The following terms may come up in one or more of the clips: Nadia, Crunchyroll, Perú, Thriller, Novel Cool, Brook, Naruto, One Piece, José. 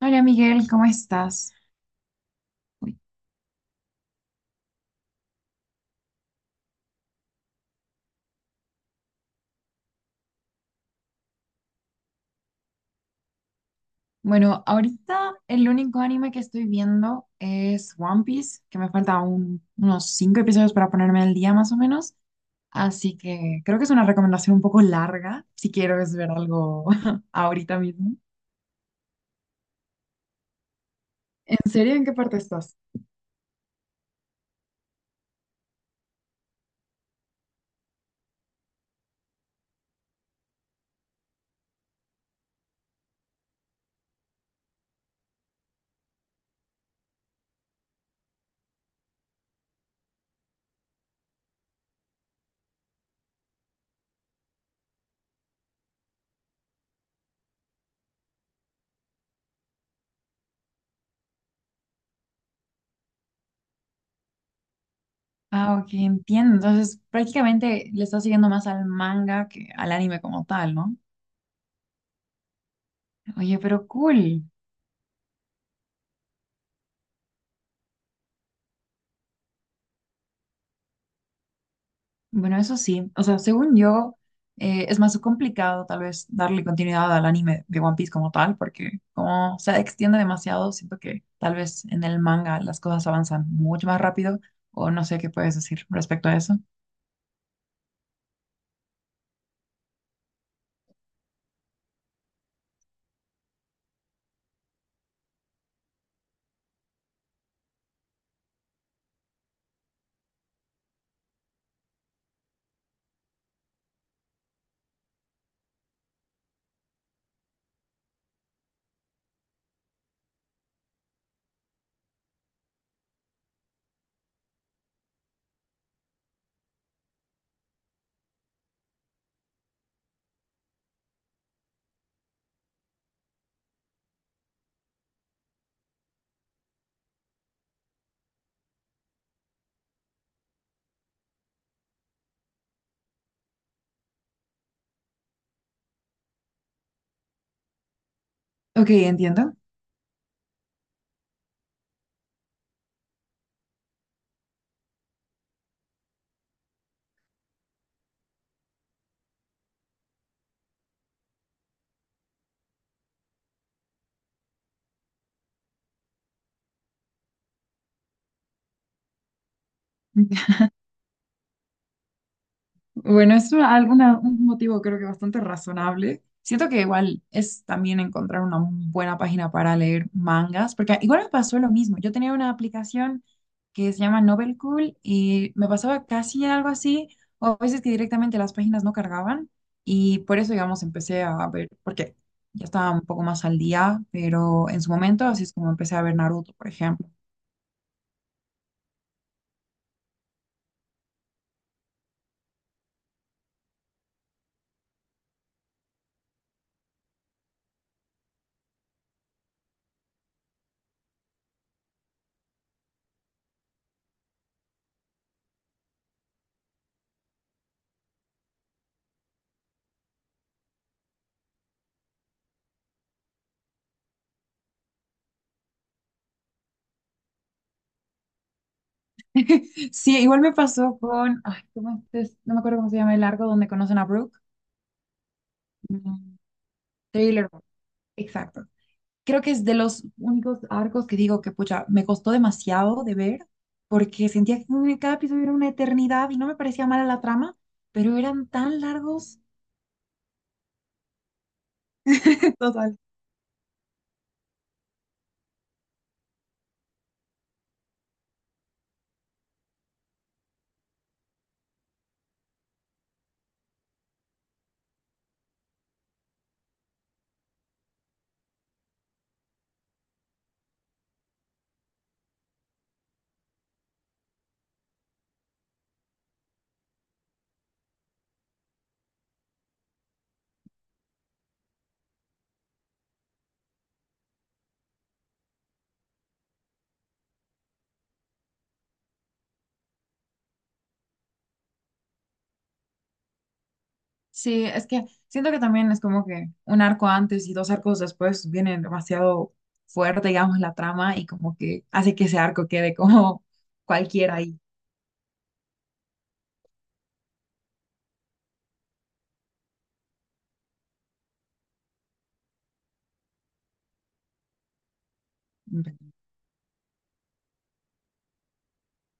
Hola Miguel, ¿cómo estás? Uy. Bueno, ahorita el único anime que estoy viendo es One Piece, que me falta unos 5 episodios para ponerme al día más o menos, así que creo que es una recomendación un poco larga si quiero es ver algo ahorita mismo. ¿En serio? ¿En qué parte estás? Ah, ok, entiendo. Entonces prácticamente le estás siguiendo más al manga que al anime como tal, ¿no? Oye, pero cool. Bueno, eso sí, o sea, según yo, es más complicado tal vez darle continuidad al anime de One Piece como tal, porque como se extiende demasiado, siento que tal vez en el manga las cosas avanzan mucho más rápido, o no sé qué puedes decir respecto a eso. Ok, entiendo. Bueno, un motivo creo que bastante razonable. Siento que igual es también encontrar una buena página para leer mangas, porque igual me pasó lo mismo. Yo tenía una aplicación que se llama Novel Cool y me pasaba casi algo así, o a veces que directamente las páginas no cargaban y por eso, digamos, empecé a ver, porque ya estaba un poco más al día, pero en su momento así es como empecé a ver Naruto, por ejemplo. Sí, igual me pasó con, ay, ¿cómo es? No me acuerdo cómo se llama el arco donde conocen a Brook. Mm, Thriller, exacto. Creo que es de los únicos arcos que digo que, pucha, me costó demasiado de ver, porque sentía que en cada episodio era una eternidad y no me parecía mala la trama, pero eran tan largos. Total. Sí, es que siento que también es como que un arco antes y 2 arcos después vienen demasiado fuerte, digamos, la trama y como que hace que ese arco quede como cualquiera ahí.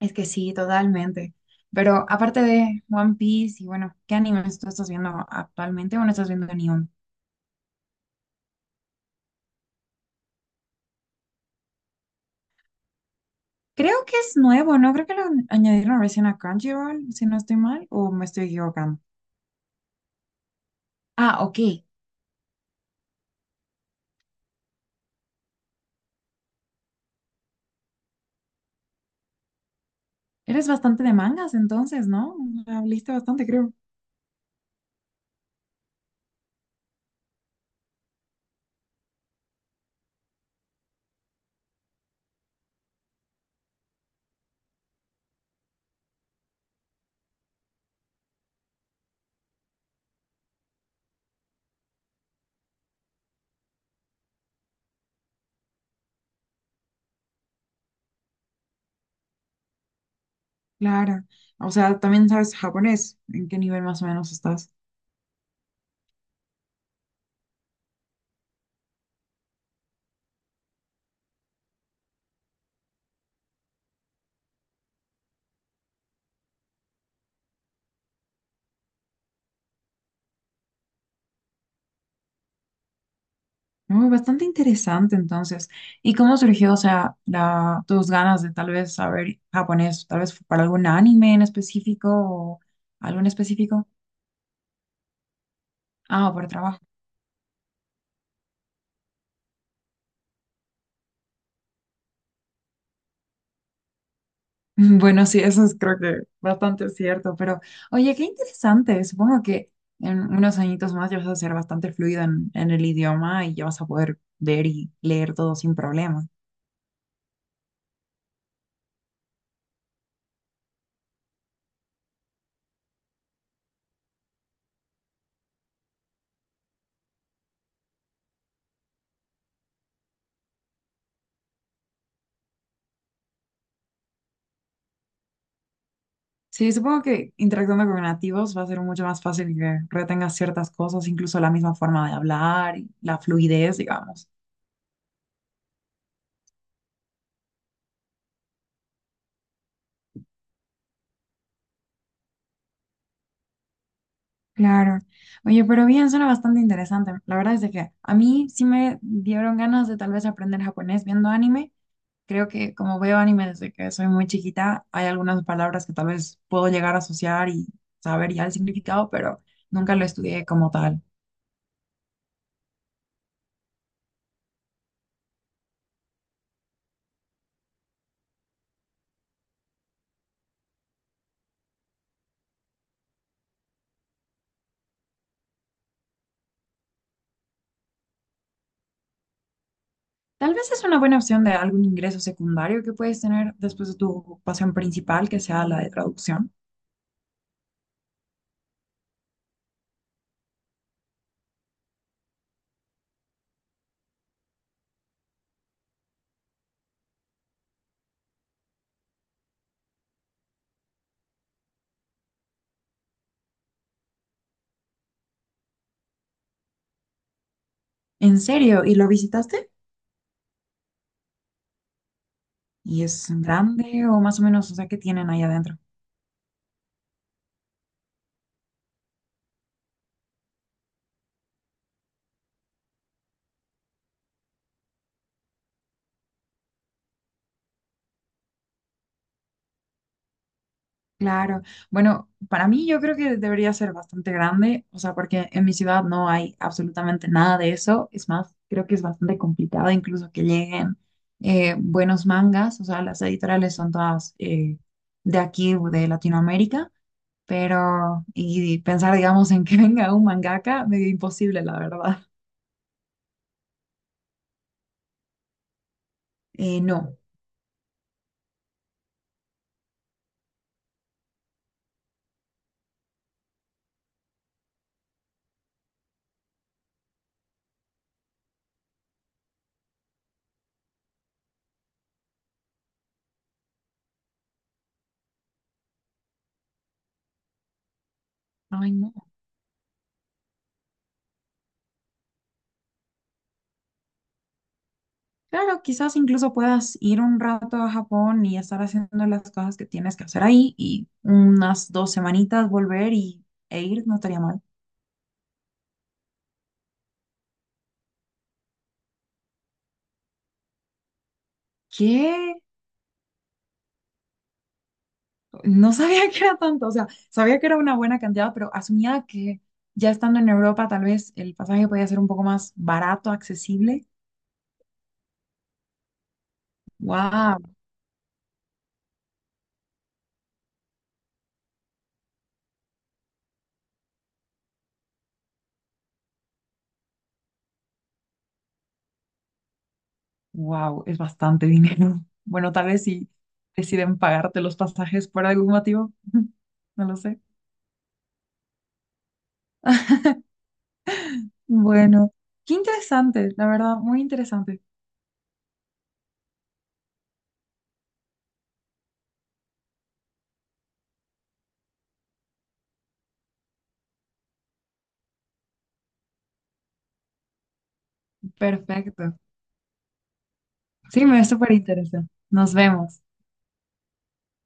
Es que sí, totalmente. Pero aparte de One Piece y bueno, ¿qué animes tú estás viendo actualmente o no estás viendo ni uno? Creo que es nuevo, ¿no? Creo que lo añadieron recién a Crunchyroll, si no estoy mal, o me estoy equivocando. Ah, ok. Eres bastante de mangas entonces, ¿no? O bastante, creo. Claro. O sea, también sabes japonés. ¿En qué nivel más o menos estás? No, bastante interesante entonces. ¿Y cómo surgió, o sea, la, tus ganas de tal vez saber japonés? ¿Tal vez fue para algún anime en específico o algo en específico? Ah, por trabajo. Bueno, sí, eso es creo que bastante cierto, pero oye, qué interesante. Supongo que en unos añitos más ya vas a ser bastante fluido en el idioma y ya vas a poder ver y leer todo sin problemas. Sí, supongo que interactuando con nativos va a ser mucho más fácil que retengas ciertas cosas, incluso la misma forma de hablar y la fluidez, digamos. Claro. Oye, pero bien, suena bastante interesante. La verdad es de que a mí sí me dieron ganas de tal vez aprender japonés viendo anime. Creo que como veo anime desde que soy muy chiquita, hay algunas palabras que tal vez puedo llegar a asociar y saber ya el significado, pero nunca lo estudié como tal. Tal vez es una buena opción de algún ingreso secundario que puedes tener después de tu ocupación principal, que sea la de traducción. ¿En serio? ¿Y lo visitaste? ¿Y es grande o más o menos, o sea, qué tienen ahí adentro? Claro. Bueno, para mí yo creo que debería ser bastante grande, o sea, porque en mi ciudad no hay absolutamente nada de eso. Es más, creo que es bastante complicado incluso que lleguen buenos mangas, o sea, las editoriales son todas de aquí, de Latinoamérica, pero y pensar, digamos, en que venga un mangaka, medio imposible, la verdad. No. Ay, no. Claro, quizás incluso puedas ir un rato a Japón y estar haciendo las cosas que tienes que hacer ahí y unas 2 semanitas volver y, e ir, no estaría mal. ¿Qué? No sabía que era tanto, o sea, sabía que era una buena cantidad, pero asumía que ya estando en Europa tal vez el pasaje podía ser un poco más barato, accesible. Wow, wow, es bastante dinero. Bueno, tal vez si deciden pagarte los pasajes por algún motivo, no lo sé. Bueno, qué interesante, la verdad, muy interesante. Perfecto. Sí, me súper interesa. Nos vemos.